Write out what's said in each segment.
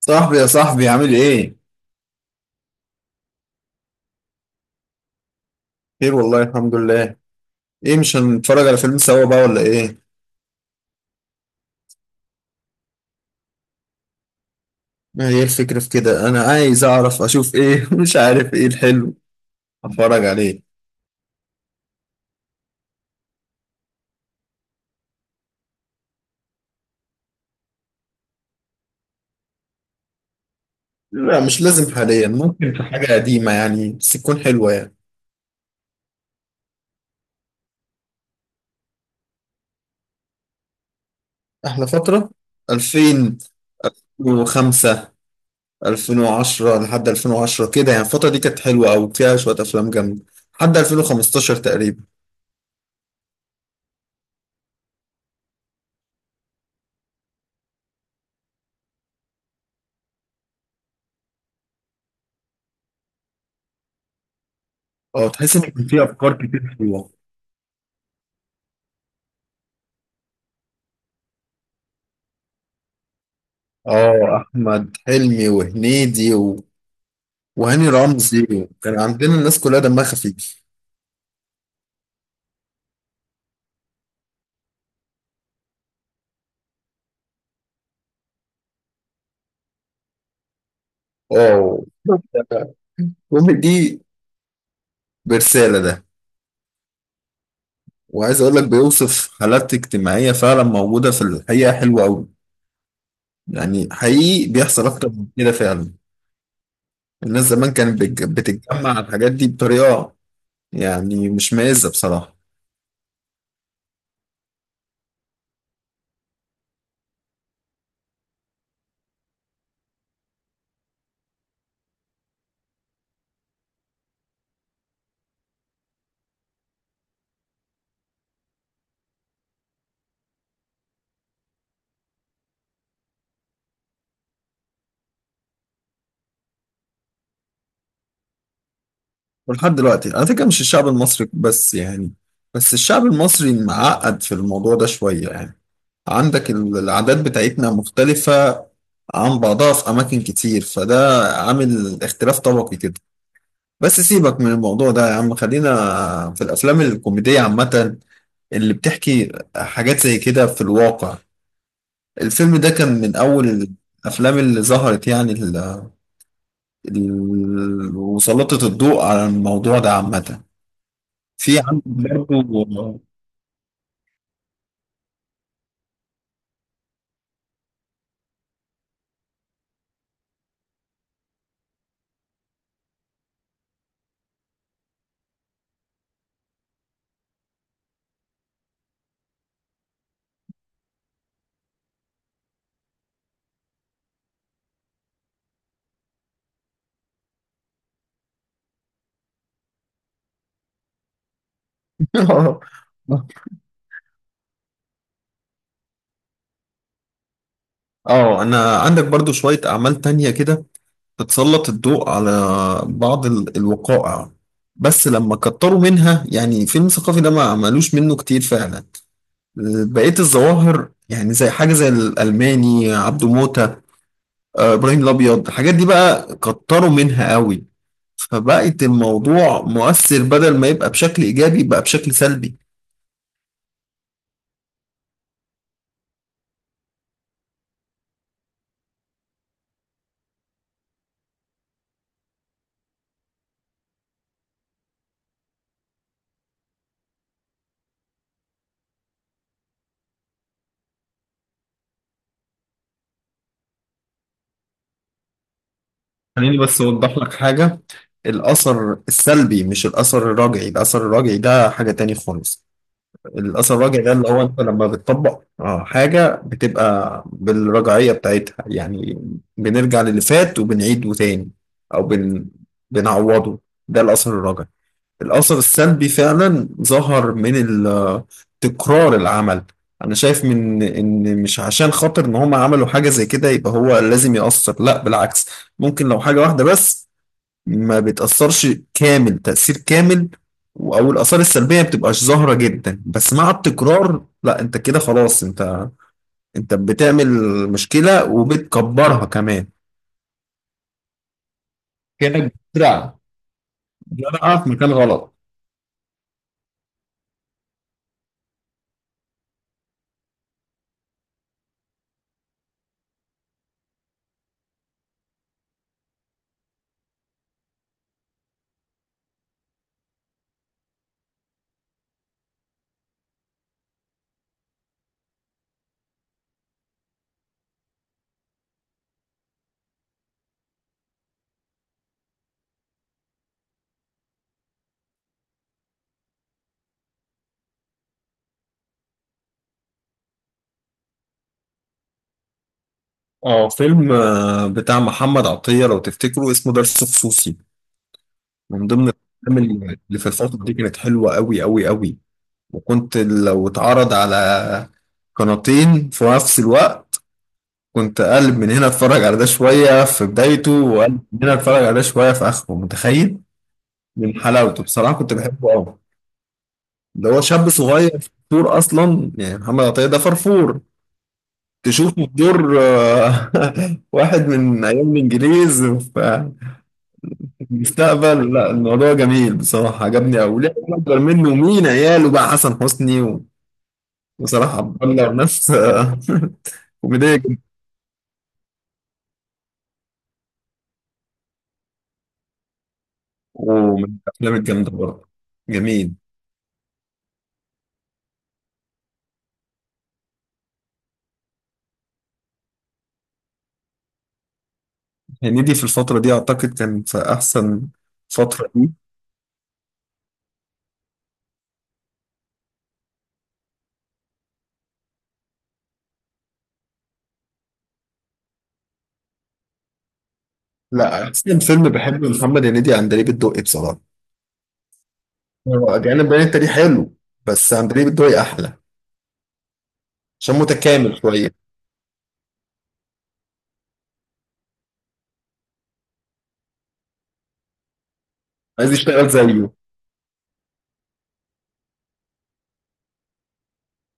صاحبي يا صاحبي عامل ايه؟ خير والله الحمد لله. ايه، مش هنتفرج على فيلم سوا بقى ولا ايه؟ ما هي الفكرة في كده، انا عايز اعرف اشوف ايه. مش عارف ايه الحلو اتفرج عليه. لا مش لازم حاليا، ممكن في حاجة قديمة يعني بس تكون حلوة يعني. احلى فترة 2005، 2010، لحد 2010 كده يعني. الفترة دي كانت حلوة أوي، فيها شوية أفلام جامدة لحد 2015 تقريبا. اه، تحس إن كان فيها أفكار كتير حلوة. اه، أحمد حلمي وهنيدي وهاني رمزي، كان عندنا الناس كلها دمها خفيف. اه. كوميدي. برسالة ده، وعايز اقول لك بيوصف حالات اجتماعية فعلا موجودة في الحقيقة، حلوة قوي يعني. حقيقي بيحصل اكتر من كده فعلا. الناس زمان كانت بتتجمع على الحاجات دي بطريقة، يعني مش مائزة بصراحة. ولحد دلوقتي على فكرة مش الشعب المصري بس يعني، بس الشعب المصري معقد في الموضوع ده شوية يعني. عندك العادات بتاعتنا مختلفة عن بعضها في أماكن كتير، فده عامل اختلاف طبقي كده. بس سيبك من الموضوع ده يا عم، خلينا في الأفلام الكوميدية عامة اللي بتحكي حاجات زي كده في الواقع. الفيلم ده كان من أول الأفلام اللي ظهرت يعني، وسلطت الضوء على الموضوع ده عامة. في عندك برضو. اه، انا عندك برضو شوية اعمال تانية كده بتسلط الضوء على بعض الوقائع، بس لما كتروا منها. يعني فيلم ثقافي ده ما عملوش منه كتير فعلا. بقية الظواهر يعني زي حاجة، زي الألماني، عبده موتة، إبراهيم الأبيض، الحاجات دي بقى كتروا منها قوي، فبقت الموضوع مؤثر بدل ما يبقى بشكل إيجابي بقى بشكل سلبي. خليني بس أوضح لك حاجة. الأثر السلبي مش الأثر الراجعي. الأثر الراجعي ده حاجة تاني خالص. الأثر الراجعي ده اللي هو أنت لما بتطبق حاجة بتبقى بالرجعية بتاعتها يعني، بنرجع للي فات وبنعيده تاني، أو بن... بنعوضه. ده الأثر الراجعي. الأثر السلبي فعلا ظهر من تكرار العمل. أنا شايف من إن مش عشان خاطر إن هم عملوا حاجة زي كده يبقى هو لازم يأثر، لا بالعكس، ممكن لو حاجة واحدة بس ما بتأثرش كامل، تأثير كامل أو الآثار السلبية ما بتبقاش ظاهرة جدا، بس مع التكرار لا، أنت كده خلاص، أنت أنت بتعمل مشكلة وبتكبرها كمان، كأنك بتزرع زرعة في مكان غلط. اه، فيلم بتاع محمد عطية لو تفتكروا اسمه درس خصوصي، من ضمن الافلام اللي في الفترة دي كانت حلوة قوي قوي قوي. وكنت لو اتعرض على قناتين في نفس الوقت، كنت اقلب من هنا اتفرج على ده شوية في بدايته واقلب من هنا اتفرج على ده شوية في اخره، متخيل؟ من حلاوته بصراحة، كنت بحبه قوي. ده هو شاب صغير، فرفور اصلا يعني، محمد عطية ده فرفور، تشوفه في دور واحد من ايام الانجليز. المستقبل لا، الموضوع جميل بصراحة، عجبني أوي. ليه أكبر منه ومين عياله بقى؟ حسن حسني بصراحة بطلع ناس كوميدية جدا. ومن الأفلام الجامدة برضه، جميل. هنيدي في الفترة دي أعتقد كان في أحسن فترة دي. لا، أحسن فيلم بحبه لمحمد هنيدي عندليب الدقي بصراحة. هو أجانب باين التاريخ حلو، بس عندليب الدقي أحلى، عشان متكامل شوية. عايز يشتغل زيه.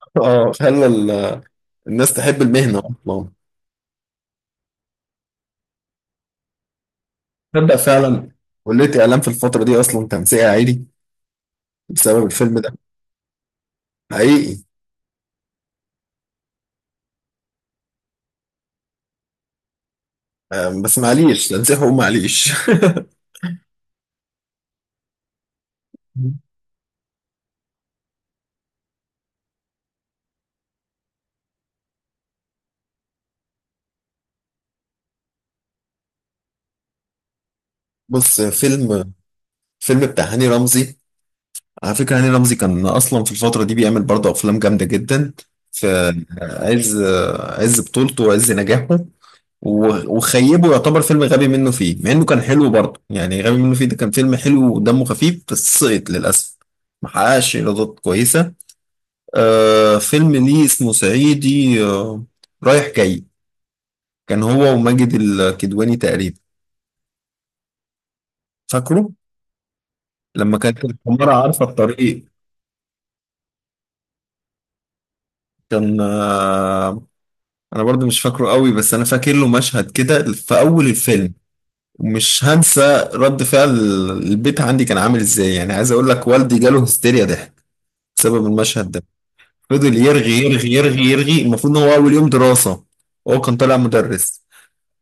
اه، خلى الناس تحب المهنة أصلا. تصدق فعلا، كلية إعلام في الفترة دي أصلا تنسيق عادي بسبب الفيلم ده. حقيقي. أم، بس معليش، تنسيق هو معليش. بص، فيلم فيلم بتاع هاني رمزي، على فكرة هاني رمزي كان أصلا في الفترة دي بيعمل برضه أفلام جامدة جدا، في عز، عز بطولته وعز نجاحه. وخيبه يعتبر فيلم غبي منه فيه، مع إنه كان حلو برضه يعني. غبي منه فيه ده كان فيلم حلو ودمه خفيف، بس سقط للأسف، محققش إيرادات كويسة. آه، فيلم ليه اسمه صعيدي، آه، رايح جاي، كان هو وماجد الكدواني تقريبا، فاكره؟ لما كانت الحمارة عارفة الطريق، كان آه، انا برضو مش فاكره قوي، بس انا فاكر له مشهد كده في اول الفيلم، ومش هنسى رد فعل البيت عندي، كان عامل ازاي. يعني عايز اقول لك، والدي جاله هستيريا ضحك بسبب المشهد ده. فضل يرغي يرغي يرغي يرغي، المفروض ان هو اول يوم دراسة، هو كان طالع مدرس،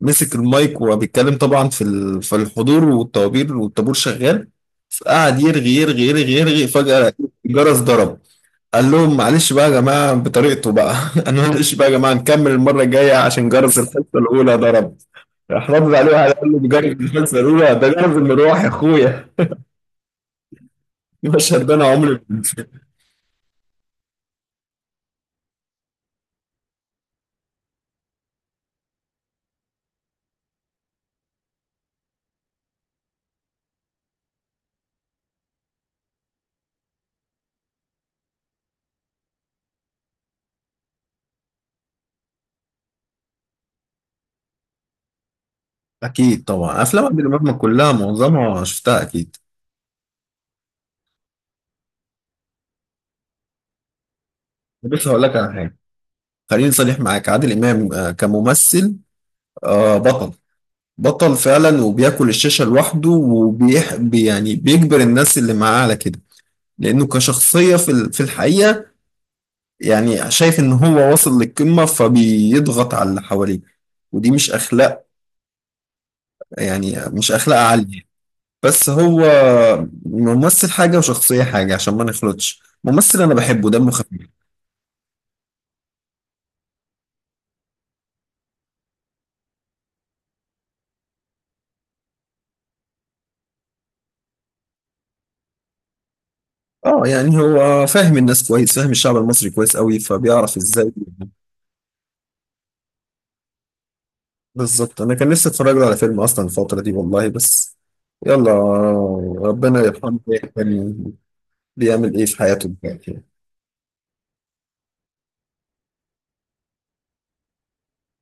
مسك المايك وهو بيتكلم طبعا في في الحضور والطوابير، والطابور شغال، فقعد يرغي يرغي يرغي يرغي. فجأة الجرس ضرب. قال لهم معلش بقى يا جماعة بطريقته بقى، انا معلش بقى يا جماعة، نكمل المرة الجاية عشان جرس الحصة الأولى ضرب. راح رد عليه وقال له، ده جرس الحصة الأولى؟ ده جرس المروح يا أخويا. المشهد ده أنا عمري ما أنساه. أكيد طبعا، أفلام عادل إمام كلها معظمها شفتها أكيد. بس هقول لك على حاجة، خليني صريح معاك، عادل إمام كممثل بطل، بطل فعلا، وبياكل الشاشة لوحده، يعني بيجبر الناس اللي معاه على كده، لأنه كشخصية في في الحقيقة يعني شايف إن هو واصل للقمة فبيضغط على اللي حواليه، ودي مش أخلاق، يعني مش أخلاق عالية. بس هو ممثل حاجة وشخصية حاجة، عشان ما نخلطش. ممثل أنا بحبه، دمه خفيف. اه، يعني هو فاهم الناس كويس، فاهم الشعب المصري كويس قوي، فبيعرف إزاي. بالظبط، انا كان نفسي اتفرج له على فيلم اصلا الفتره دي والله، بس يلا. ربنا يرحمه، إيه كان بيعمل ايه في حياته دلوقتي؟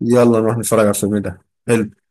يلا نروح نتفرج على الفيلم ده، حلو.